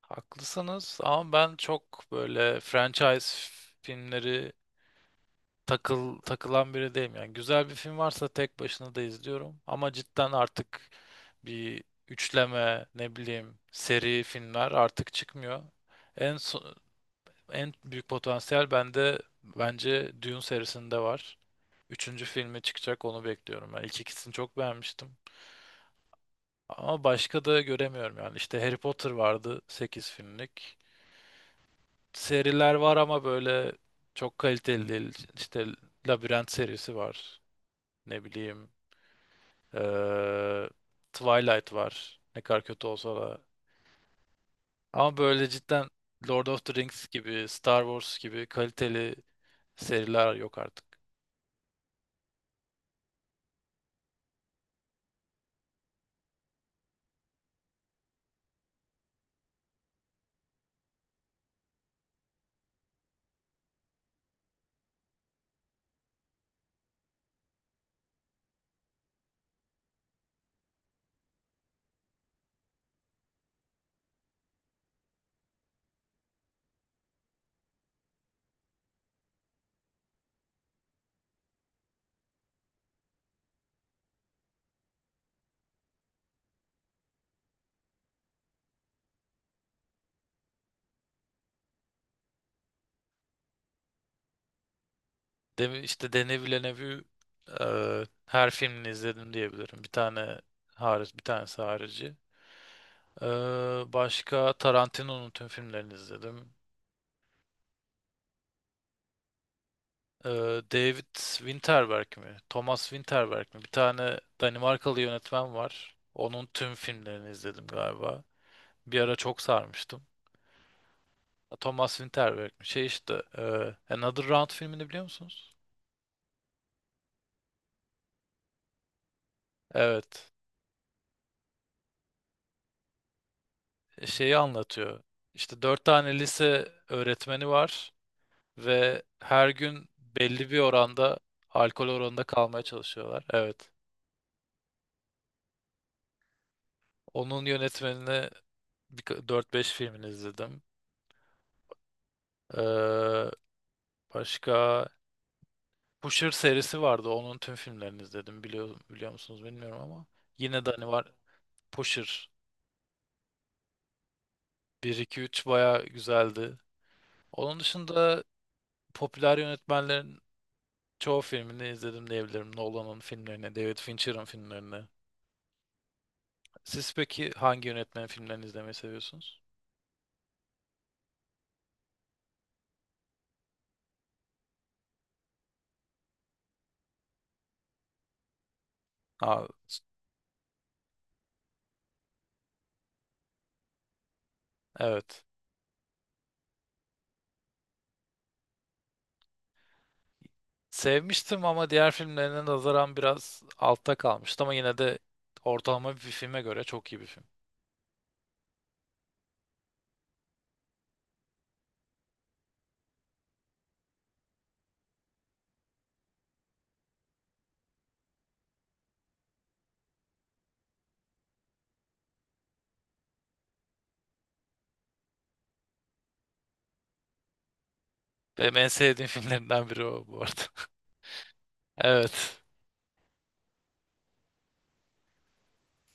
Haklısınız ama ben çok böyle franchise filmleri takılan biri değilim. Yani güzel bir film varsa tek başına da izliyorum. Ama cidden artık bir üçleme ne bileyim seri filmler artık çıkmıyor. En so- En büyük potansiyel bende bence Dune serisinde var. Üçüncü filmi çıkacak onu bekliyorum. Ben ilk ikisini çok beğenmiştim. Ama başka da göremiyorum yani. İşte Harry Potter vardı 8 filmlik, seriler var ama böyle çok kaliteli değil. İşte Labirent serisi var. Ne bileyim. eee, Twilight var. Ne kadar kötü olsa da. Ama böyle cidden Lord of the Rings gibi, Star Wars gibi kaliteli seriler yok artık. İşte Denis Villeneuve'ü her filmini izledim diyebilirim. Bir tane hariç, bir tanesi harici. Başka Tarantino'nun tüm filmlerini izledim. Ee, David Winterberg mi? Thomas Winterberg mi? Bir tane Danimarkalı yönetmen var. Onun tüm filmlerini izledim galiba. Bir ara çok sarmıştım. Thomas Winterberg mi? Şey işte Another Round filmini biliyor musunuz? Evet. Şeyi anlatıyor. İşte dört tane lise öğretmeni var ve her gün belli bir oranda alkol oranında kalmaya çalışıyorlar. Evet. Onun yönetmenini 4-5 filmini izledim. Ee, Başka Pusher serisi vardı. Onun tüm filmlerini izledim. Biliyor musunuz bilmiyorum ama. Yine de hani var Pusher bir 2 3 baya güzeldi. Onun dışında popüler yönetmenlerin çoğu filmini izledim diyebilirim. Nolan'ın filmlerini, David Fincher'ın filmlerini. Siz peki hangi yönetmenin filmlerini izlemeyi seviyorsunuz? Aa, evet. Sevmiştim ama diğer filmlerine nazaran biraz altta kalmıştı ama yine de ortalama bir filme göre çok iyi bir film. Benim en sevdiğim filmlerinden biri o bu arada. Evet.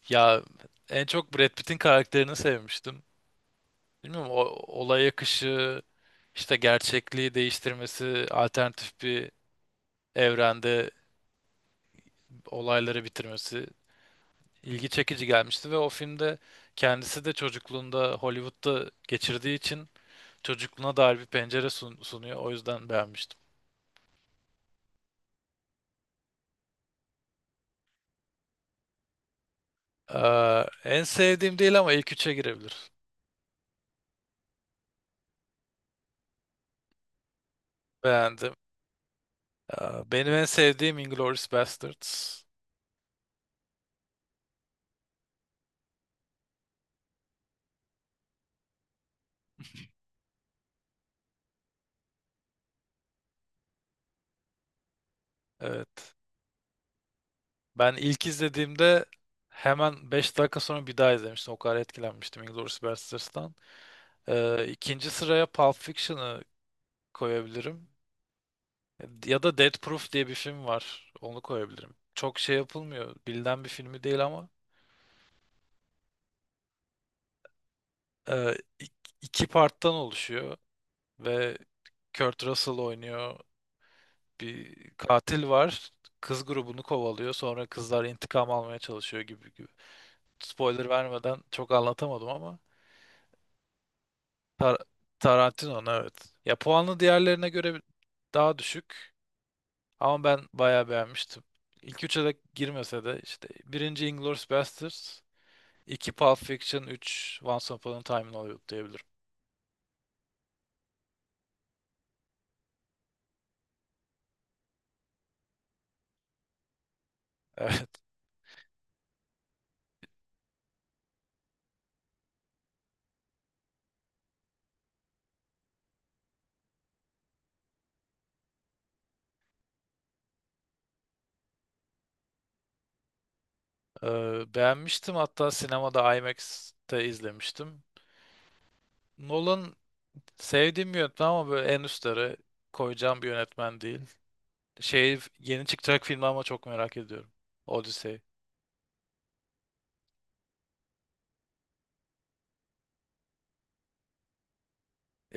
Ya en çok Brad Pitt'in karakterini sevmiştim. Bilmiyorum o olay akışı, işte gerçekliği değiştirmesi, alternatif bir evrende olayları bitirmesi ilgi çekici gelmişti ve o filmde kendisi de çocukluğunda Hollywood'da geçirdiği için çocukluğuna dair bir pencere sunuyor. O yüzden beğenmiştim. En sevdiğim değil ama ilk üçe girebilir. Beğendim. Benim en sevdiğim Inglourious Basterds. Evet. Ben ilk izlediğimde hemen 5 dakika sonra bir daha izlemiştim. O kadar etkilenmiştim Inglourious Basterds'tan. İkinci sıraya Pulp Fiction'ı koyabilirim. Ya da Death Proof diye bir film var. Onu koyabilirim. Çok şey yapılmıyor. Bilinen bir filmi değil ama e, ik- iki parttan oluşuyor ve Kurt Russell oynuyor. Bir katil var. Kız grubunu kovalıyor. Sonra kızlar intikam almaya çalışıyor gibi gibi. Spoiler vermeden çok anlatamadım ama Tar Tarantino'nun evet. Ya puanlı diğerlerine göre daha düşük. Ama ben bayağı beğenmiştim. İlk üçe de girmese de işte birinci Inglourious Basterds, iki Pulp Fiction, üç Once Upon a Time in Hollywood diyebilirim. Evet. Beğenmiştim. Hatta sinemada IMAX'te izlemiştim. Nolan sevdiğim bir yönetmen ama böyle en üstlere koyacağım bir yönetmen değil. Şey yeni çıkacak filmi ama çok merak ediyorum. Odyssey.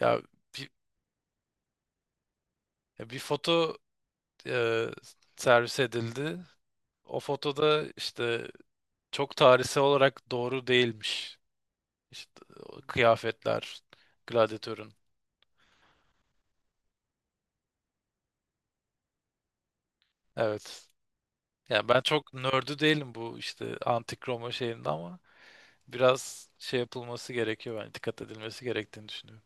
Ya bir, ya bir foto e, servis edildi. O fotoda işte çok tarihsel olarak doğru değilmiş. İşte o kıyafetler, gladyatörün. Evet. Yani ben çok nördü değilim bu işte antik Roma şeyinde ama biraz şey yapılması gerekiyor yani dikkat edilmesi gerektiğini düşünüyorum.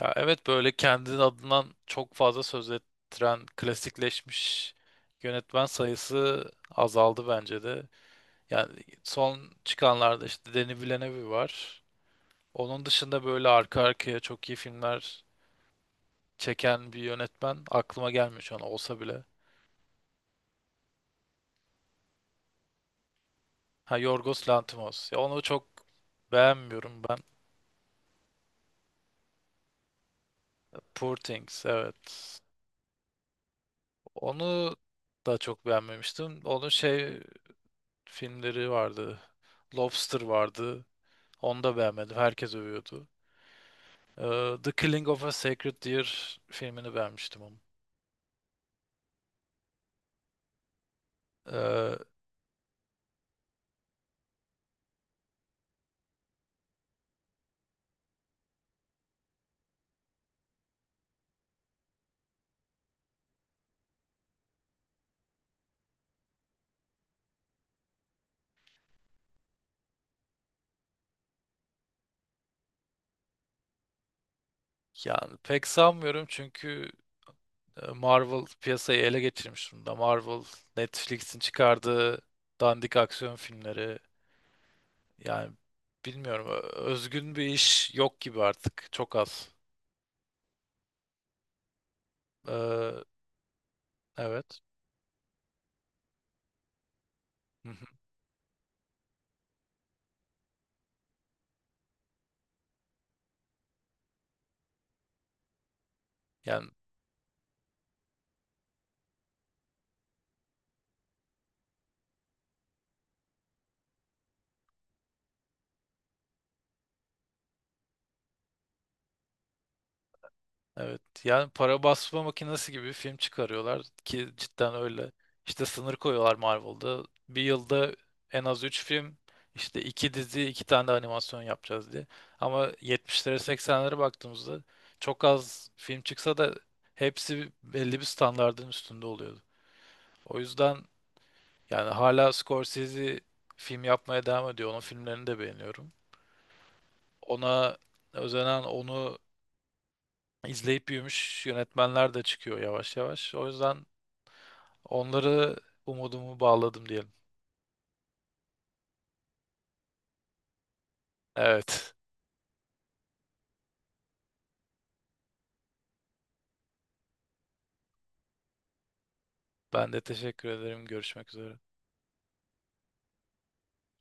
Ya evet böyle kendinin adından çok fazla söz ettiren klasikleşmiş yönetmen sayısı azaldı bence de. Yani son çıkanlarda işte Denis Villeneuve var. Onun dışında böyle arka arkaya çok iyi filmler çeken bir yönetmen aklıma gelmiyor şu an olsa bile. Ha Yorgos Lanthimos. Ya onu çok beğenmiyorum ben. Poor Things evet. Onu da çok beğenmemiştim. Onun şey filmleri vardı. Lobster vardı. Onu da beğenmedim. Herkes övüyordu. The Killing of a Sacred Deer filmini beğenmiştim ama. Ee, Yani pek sanmıyorum çünkü Marvel piyasayı ele geçirmiş durumda. Marvel, Netflix'in çıkardığı dandik aksiyon filmleri yani bilmiyorum özgün bir iş yok gibi artık. Çok az. Ee, evet. Hı hı. Yani evet. Yani para basma makinesi gibi bir film çıkarıyorlar ki cidden öyle. İşte sınır koyuyorlar Marvel'da. Bir yılda en az 3 film, işte 2 dizi, 2 tane de animasyon yapacağız diye. Ama 70'lere 80'lere baktığımızda çok az film çıksa da hepsi belli bir standardın üstünde oluyordu. O yüzden yani hala Scorsese film yapmaya devam ediyor. Onun filmlerini de beğeniyorum. Ona özenen, onu İzleyip büyümüş yönetmenler de çıkıyor yavaş yavaş. O yüzden onları umudumu bağladım diyelim. Evet. Ben de teşekkür ederim. Görüşmek üzere.